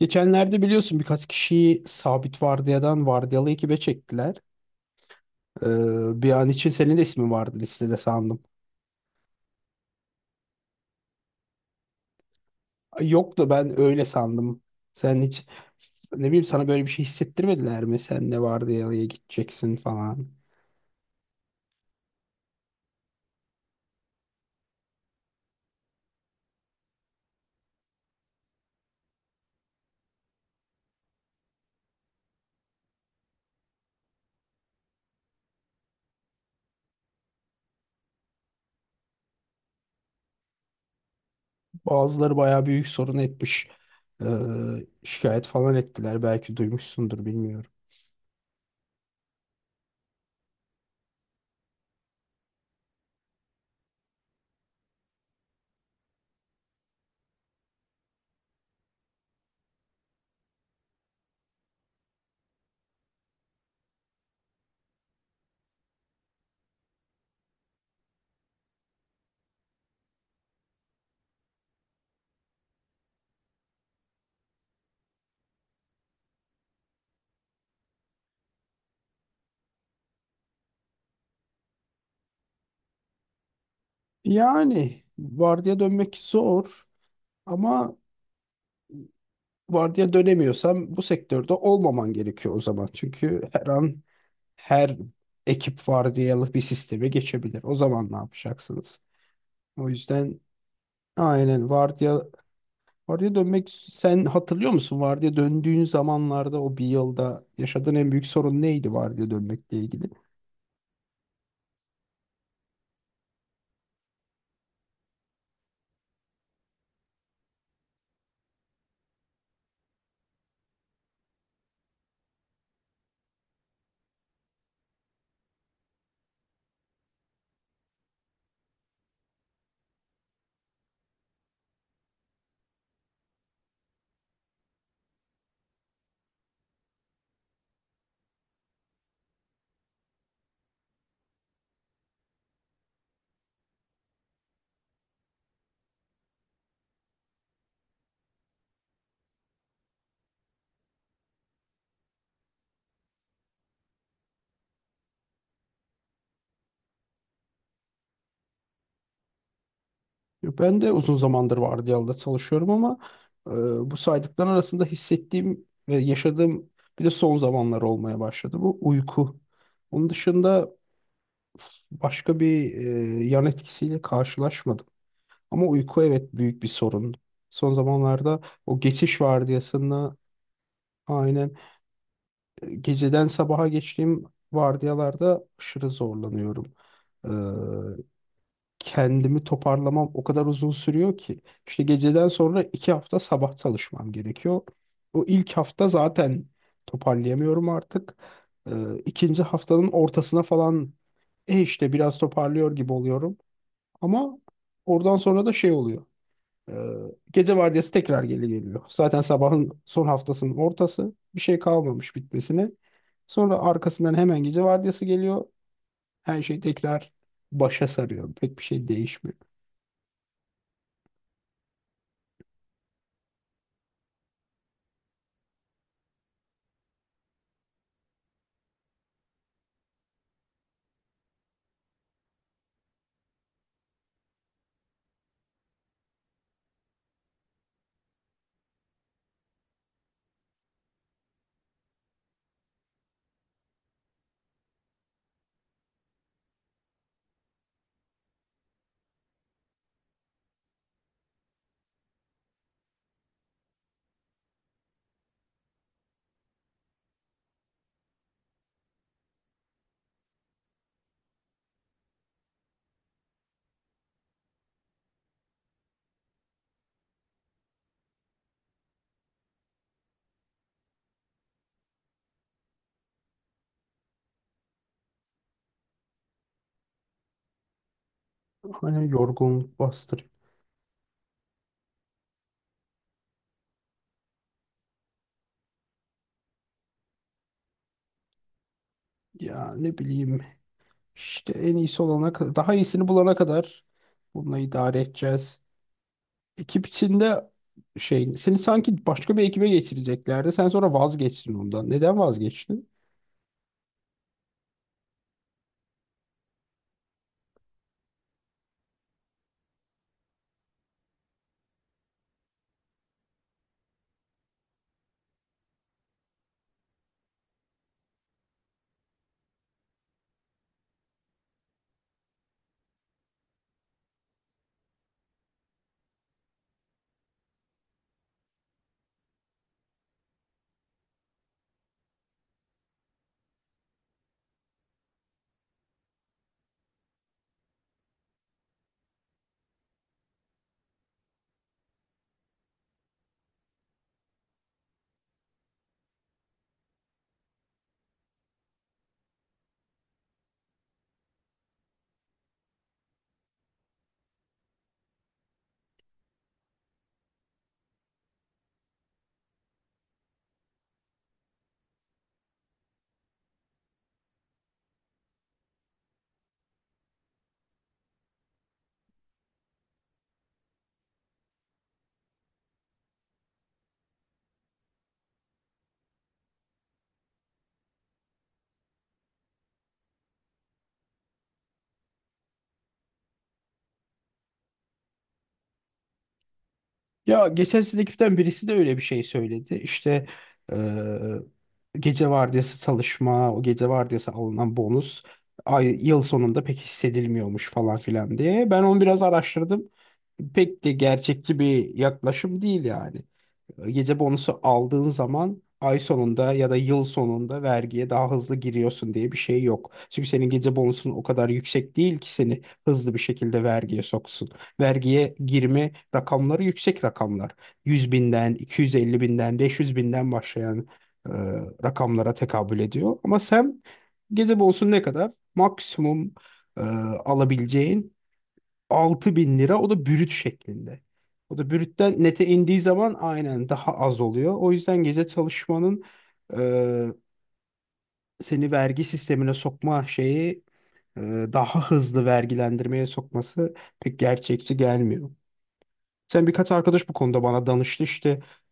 Geçenlerde biliyorsun birkaç kişiyi sabit vardiyadan vardiyalı ekibe çektiler. Ee, Bir an için senin de ismin vardı listede sandım. Ay, yok da ben öyle sandım. Sen hiç ne bileyim sana böyle bir şey hissettirmediler mi? Sen de vardiyalıya gideceksin falan. Bazıları bayağı büyük sorun etmiş. Ee, Şikayet falan ettiler. Belki duymuşsundur bilmiyorum. Yani vardiya dönmek zor ama vardiya dönemiyorsam bu sektörde olmaman gerekiyor o zaman. Çünkü her an her ekip vardiyalı bir sisteme geçebilir. O zaman ne yapacaksınız? O yüzden aynen vardiya dönmek sen hatırlıyor musun? Vardiya döndüğün zamanlarda o bir yılda yaşadığın en büyük sorun neydi vardiya dönmekle ilgili? Ben de uzun zamandır vardiyalıda çalışıyorum ama e, bu saydıkların arasında hissettiğim ve yaşadığım bir de son zamanlar olmaya başladı. Bu uyku. Onun dışında başka bir yan etkisiyle karşılaşmadım. Ama uyku evet büyük bir sorun. Son zamanlarda o geçiş vardiyasında aynen geceden sabaha geçtiğim vardiyalarda aşırı zorlanıyorum. Ee, Kendimi toparlamam o kadar uzun sürüyor ki. İşte geceden sonra iki hafta sabah çalışmam gerekiyor. O ilk hafta zaten toparlayamıyorum artık. İkinci haftanın ortasına falan e işte biraz toparlıyor gibi oluyorum. Ama oradan sonra da şey oluyor. Ee, Gece vardiyası tekrar geri geliyor. Zaten sabahın son haftasının ortası. Bir şey kalmamış bitmesine. Sonra arkasından hemen gece vardiyası geliyor. Her şey tekrar başa sarıyor. Pek bir şey değişmiyor. Hani yorgunluk bastırıyor. Ya ne bileyim işte en iyisi olana kadar, daha iyisini bulana kadar bununla idare edeceğiz. Ekip içinde şey seni sanki başka bir ekibe geçireceklerdi. Sen sonra vazgeçtin ondan. Neden vazgeçtin? Ya geçen sizin ekipten birisi de öyle bir şey söyledi. İşte eee, gece vardiyası çalışma, o gece vardiyası alınan bonus ay, yıl sonunda pek hissedilmiyormuş falan filan diye. Ben onu biraz araştırdım. Pek de gerçekçi bir yaklaşım değil yani. Gece bonusu aldığın zaman ay sonunda ya da yıl sonunda vergiye daha hızlı giriyorsun diye bir şey yok. Çünkü senin gece bonusun o kadar yüksek değil ki seni hızlı bir şekilde vergiye soksun. Vergiye girme rakamları yüksek rakamlar. 100 binden, 250 binden, 500 binden başlayan e, rakamlara tekabül ediyor. Ama sen gece bonusu ne kadar? Maksimum e, alabileceğin 6000 lira. O da brüt şeklinde. O da brütten nete indiği zaman aynen daha az oluyor. O yüzden gece çalışmanın e, seni vergi sistemine sokma şeyi e, daha hızlı vergilendirmeye sokması pek gerçekçi gelmiyor. Sen birkaç arkadaş bu konuda bana danıştı işte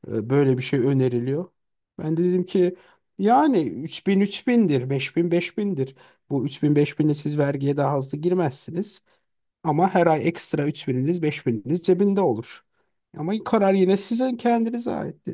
böyle bir şey öneriliyor. Ben de dedim ki yani 3000 bin 5000 bindir. Bu 3000 5000'de siz vergiye daha hızlı girmezsiniz. Ama her ay ekstra 3000'iniz 5000'iniz cebinde olur. Ama karar yine sizin kendinize ait.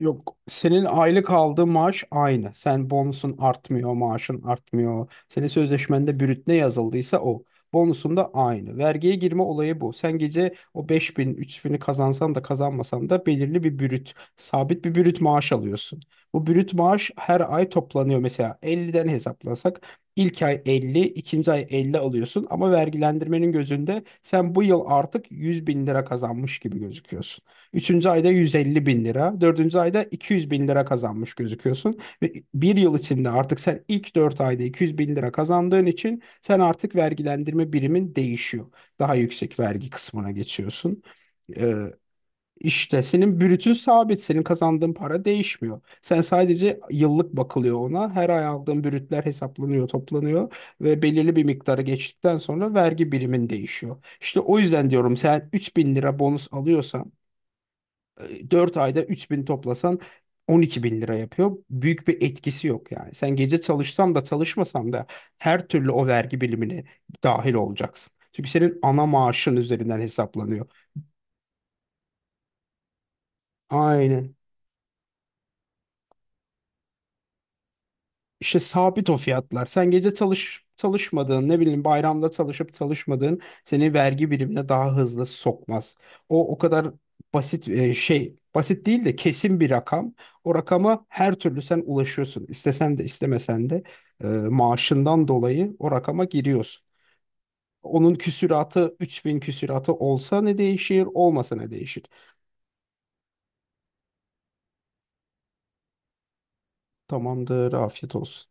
Yok senin aylık aldığın maaş aynı. Sen bonusun artmıyor, maaşın artmıyor. Senin sözleşmende brüt ne yazıldıysa o. Bonusun da aynı. Vergiye girme olayı bu. Sen gece o 5000, bin'i kazansan da kazanmasan da belirli bir brüt, sabit bir brüt maaş alıyorsun. Bu brüt maaş her ay toplanıyor. Mesela 50'den hesaplasak ilk ay 50, ikinci ay 50 alıyorsun ama vergilendirmenin gözünde sen bu yıl artık 100 bin lira kazanmış gibi gözüküyorsun. Üçüncü ayda 150 bin lira, dördüncü ayda 200 bin lira kazanmış gözüküyorsun. Ve bir yıl içinde artık sen ilk dört ayda 200 bin lira kazandığın için sen artık vergilendirme birimin değişiyor. Daha yüksek vergi kısmına geçiyorsun. Ee, işte senin brütün sabit, senin kazandığın para değişmiyor. Sen sadece yıllık bakılıyor ona. Her ay aldığın brütler hesaplanıyor, toplanıyor ve belirli bir miktarı geçtikten sonra vergi birimin değişiyor. İşte o yüzden diyorum sen 3000 lira bonus alıyorsan dört ayda 3000 toplasan 12000 lira yapıyor. Büyük bir etkisi yok yani. Sen gece çalışsan da çalışmasan da her türlü o vergi bilimine dahil olacaksın. Çünkü senin ana maaşın üzerinden hesaplanıyor. Aynen. İşte sabit o fiyatlar. Sen gece çalış çalışmadığın, ne bileyim bayramda çalışıp çalışmadığın seni vergi birimine daha hızlı sokmaz. O o kadar basit şey, basit değil de kesin bir rakam. O rakama her türlü sen ulaşıyorsun. İstesen de istemesen de maaşından dolayı o rakama giriyorsun. Onun küsuratı 3000 küsuratı olsa ne değişir, olmasa ne değişir? Tamamdır, afiyet olsun.